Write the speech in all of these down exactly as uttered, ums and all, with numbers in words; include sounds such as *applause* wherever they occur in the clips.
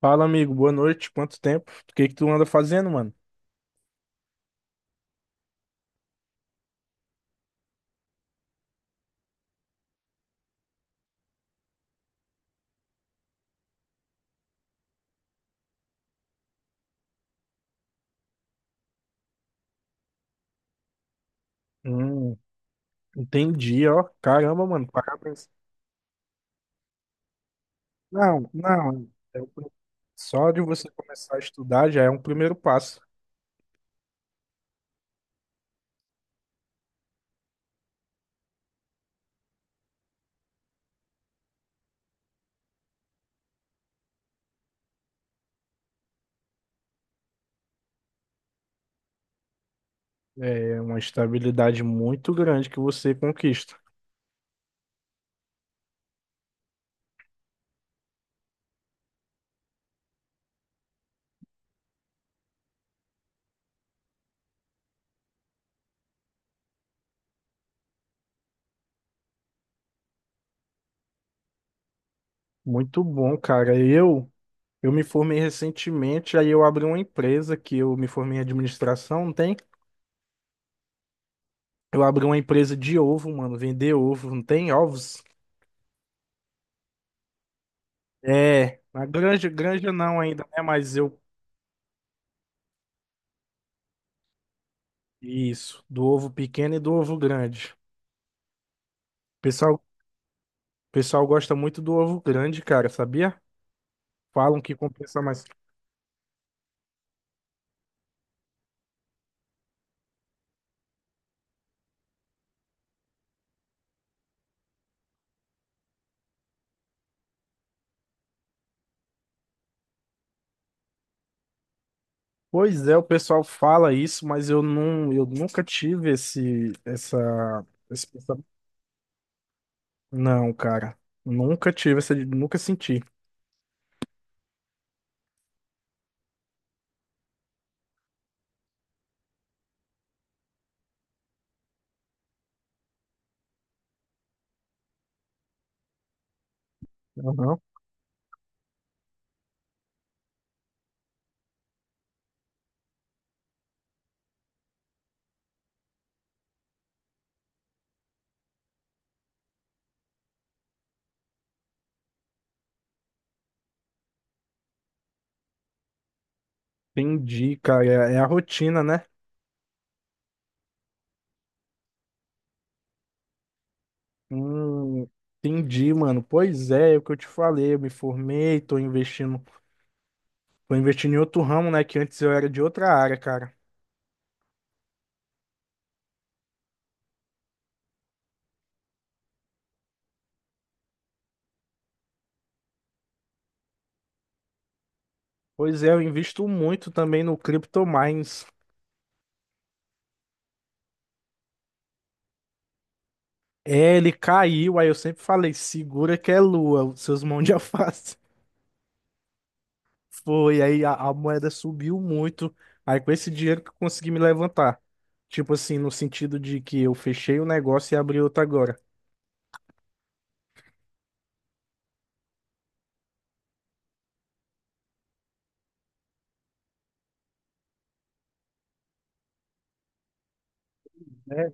Fala, amigo. Boa noite. Quanto tempo? O que que tu anda fazendo, mano? Hum, entendi, ó. Caramba, mano. Parabéns. Não, não. é o pri- Só de você começar a estudar já é um primeiro passo. É uma estabilidade muito grande que você conquista. Muito bom, cara. Eu eu me formei recentemente, aí eu abri uma empresa que eu me formei em administração, não tem? Eu abri uma empresa de ovo, mano, vender ovo, não tem ovos? É, na granja, granja não ainda, né? Mas eu isso, do ovo pequeno e do ovo grande. Pessoal, pessoal gosta muito do ovo grande, cara, sabia? Falam que compensa mais. Pois é, o pessoal fala isso, mas eu não, eu nunca tive esse, essa, esse, pensamento não, cara, nunca tive essa, nunca senti. Aham. Entendi, cara, é, é a rotina, né? Hum, entendi, mano. Pois é, é o que eu te falei, eu me formei, tô investindo, tô investindo em outro ramo, né? Que antes eu era de outra área, cara. Pois é, eu invisto muito também no CryptoMines. É, ele caiu, aí eu sempre falei, segura que é lua, seus mãos de alface. *laughs* Foi, aí a, a moeda subiu muito. Aí com esse dinheiro que eu consegui me levantar. Tipo assim, no sentido de que eu fechei o negócio e abri outro agora. Né?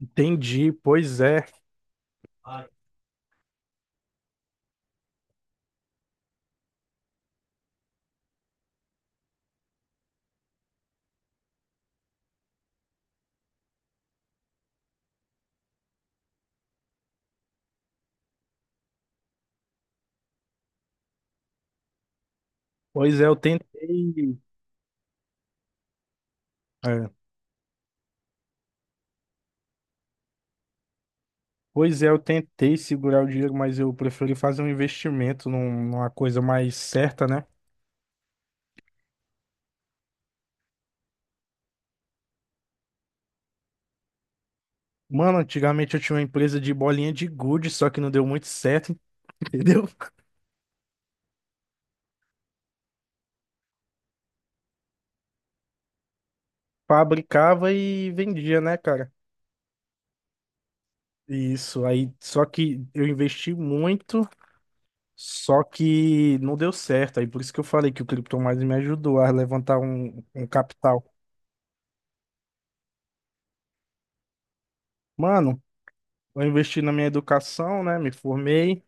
Entendi, pois é. Pois é, eu tentei. É, pois é, eu tentei segurar o dinheiro, mas eu preferi fazer um investimento num- numa coisa mais certa, né? Mano, antigamente eu tinha uma empresa de bolinha de gude, só que não deu muito certo, *laughs* entendeu? Fabricava e vendia, né, cara? Isso, aí só que eu investi muito, só que não deu certo. Aí por isso que eu falei que o Krypton mais me ajudou a levantar um, um capital. Mano, eu investi na minha educação, né? Me formei.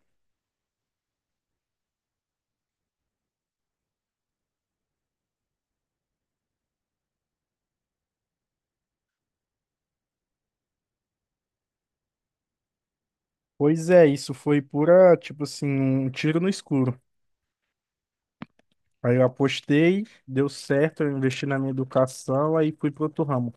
Pois é, isso foi pura, tipo assim, um tiro no escuro. Aí eu apostei, deu certo, eu investi na minha educação, aí fui pro outro ramo.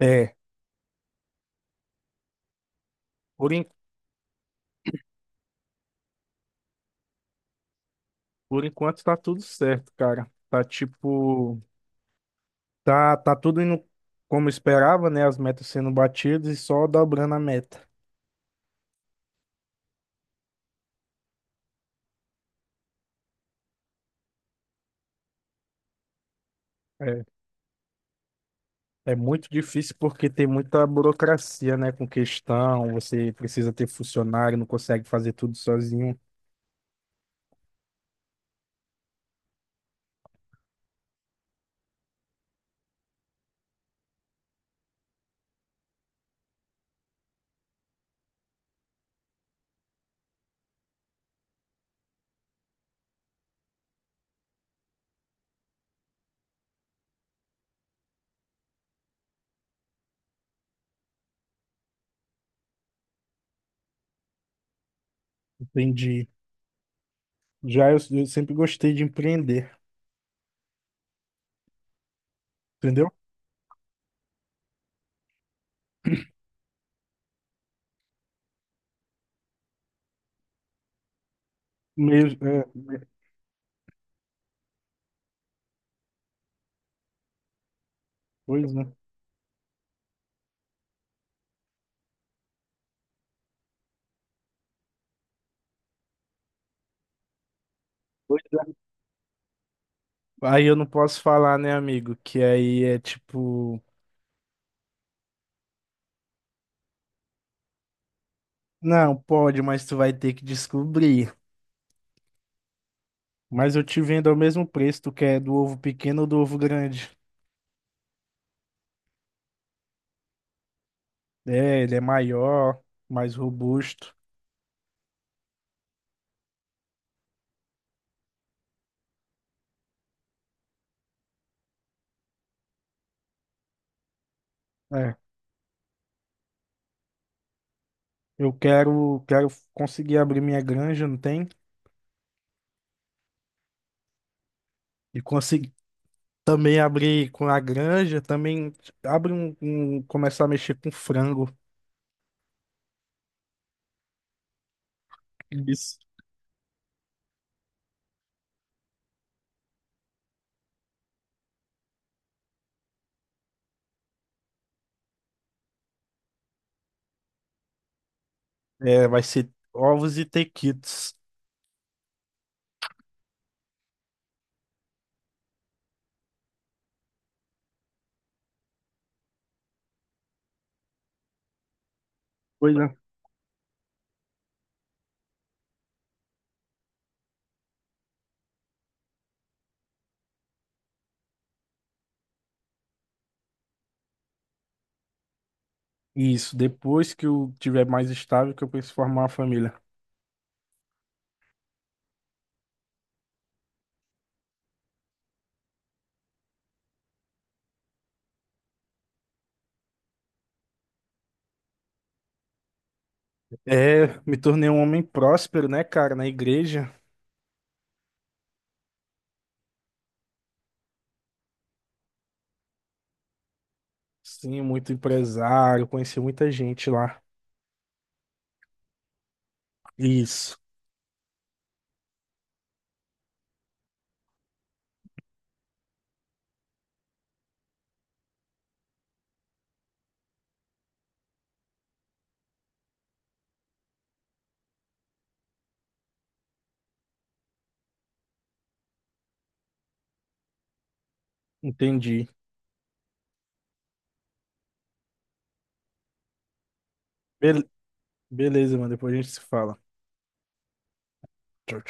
É, por, en- por enquanto tá tudo certo, cara. Tá tipo. Tá, tá tudo indo como esperava, né? As metas sendo batidas e só dobrando a meta. É, é muito difícil porque tem muita burocracia, né? Com questão, você precisa ter funcionário, não consegue fazer tudo sozinho. Entendi. Já eu, eu sempre gostei de empreender, entendeu? Meio, é, me- Pois, né? Pois é. Aí eu não posso falar, né, amigo? Que aí é tipo, não, pode, mas tu vai ter que descobrir. Mas eu te vendo ao mesmo preço, tu quer do ovo pequeno ou do ovo grande? É, ele é maior, mais robusto. É, eu quero, quero conseguir abrir minha granja, não tem? E conseguir também abrir com a granja, também abre um, um- começar a mexer com frango. Isso. É, vai ser ovos e tequitos. Pois é. Isso, depois que eu tiver mais estável, que eu penso em formar uma família. É, me tornei um homem próspero, né, cara, na igreja. Sim, muito empresário, conheci muita gente lá. Isso, entendi. Beleza, mano. Depois a gente se fala. Tchau, tchau.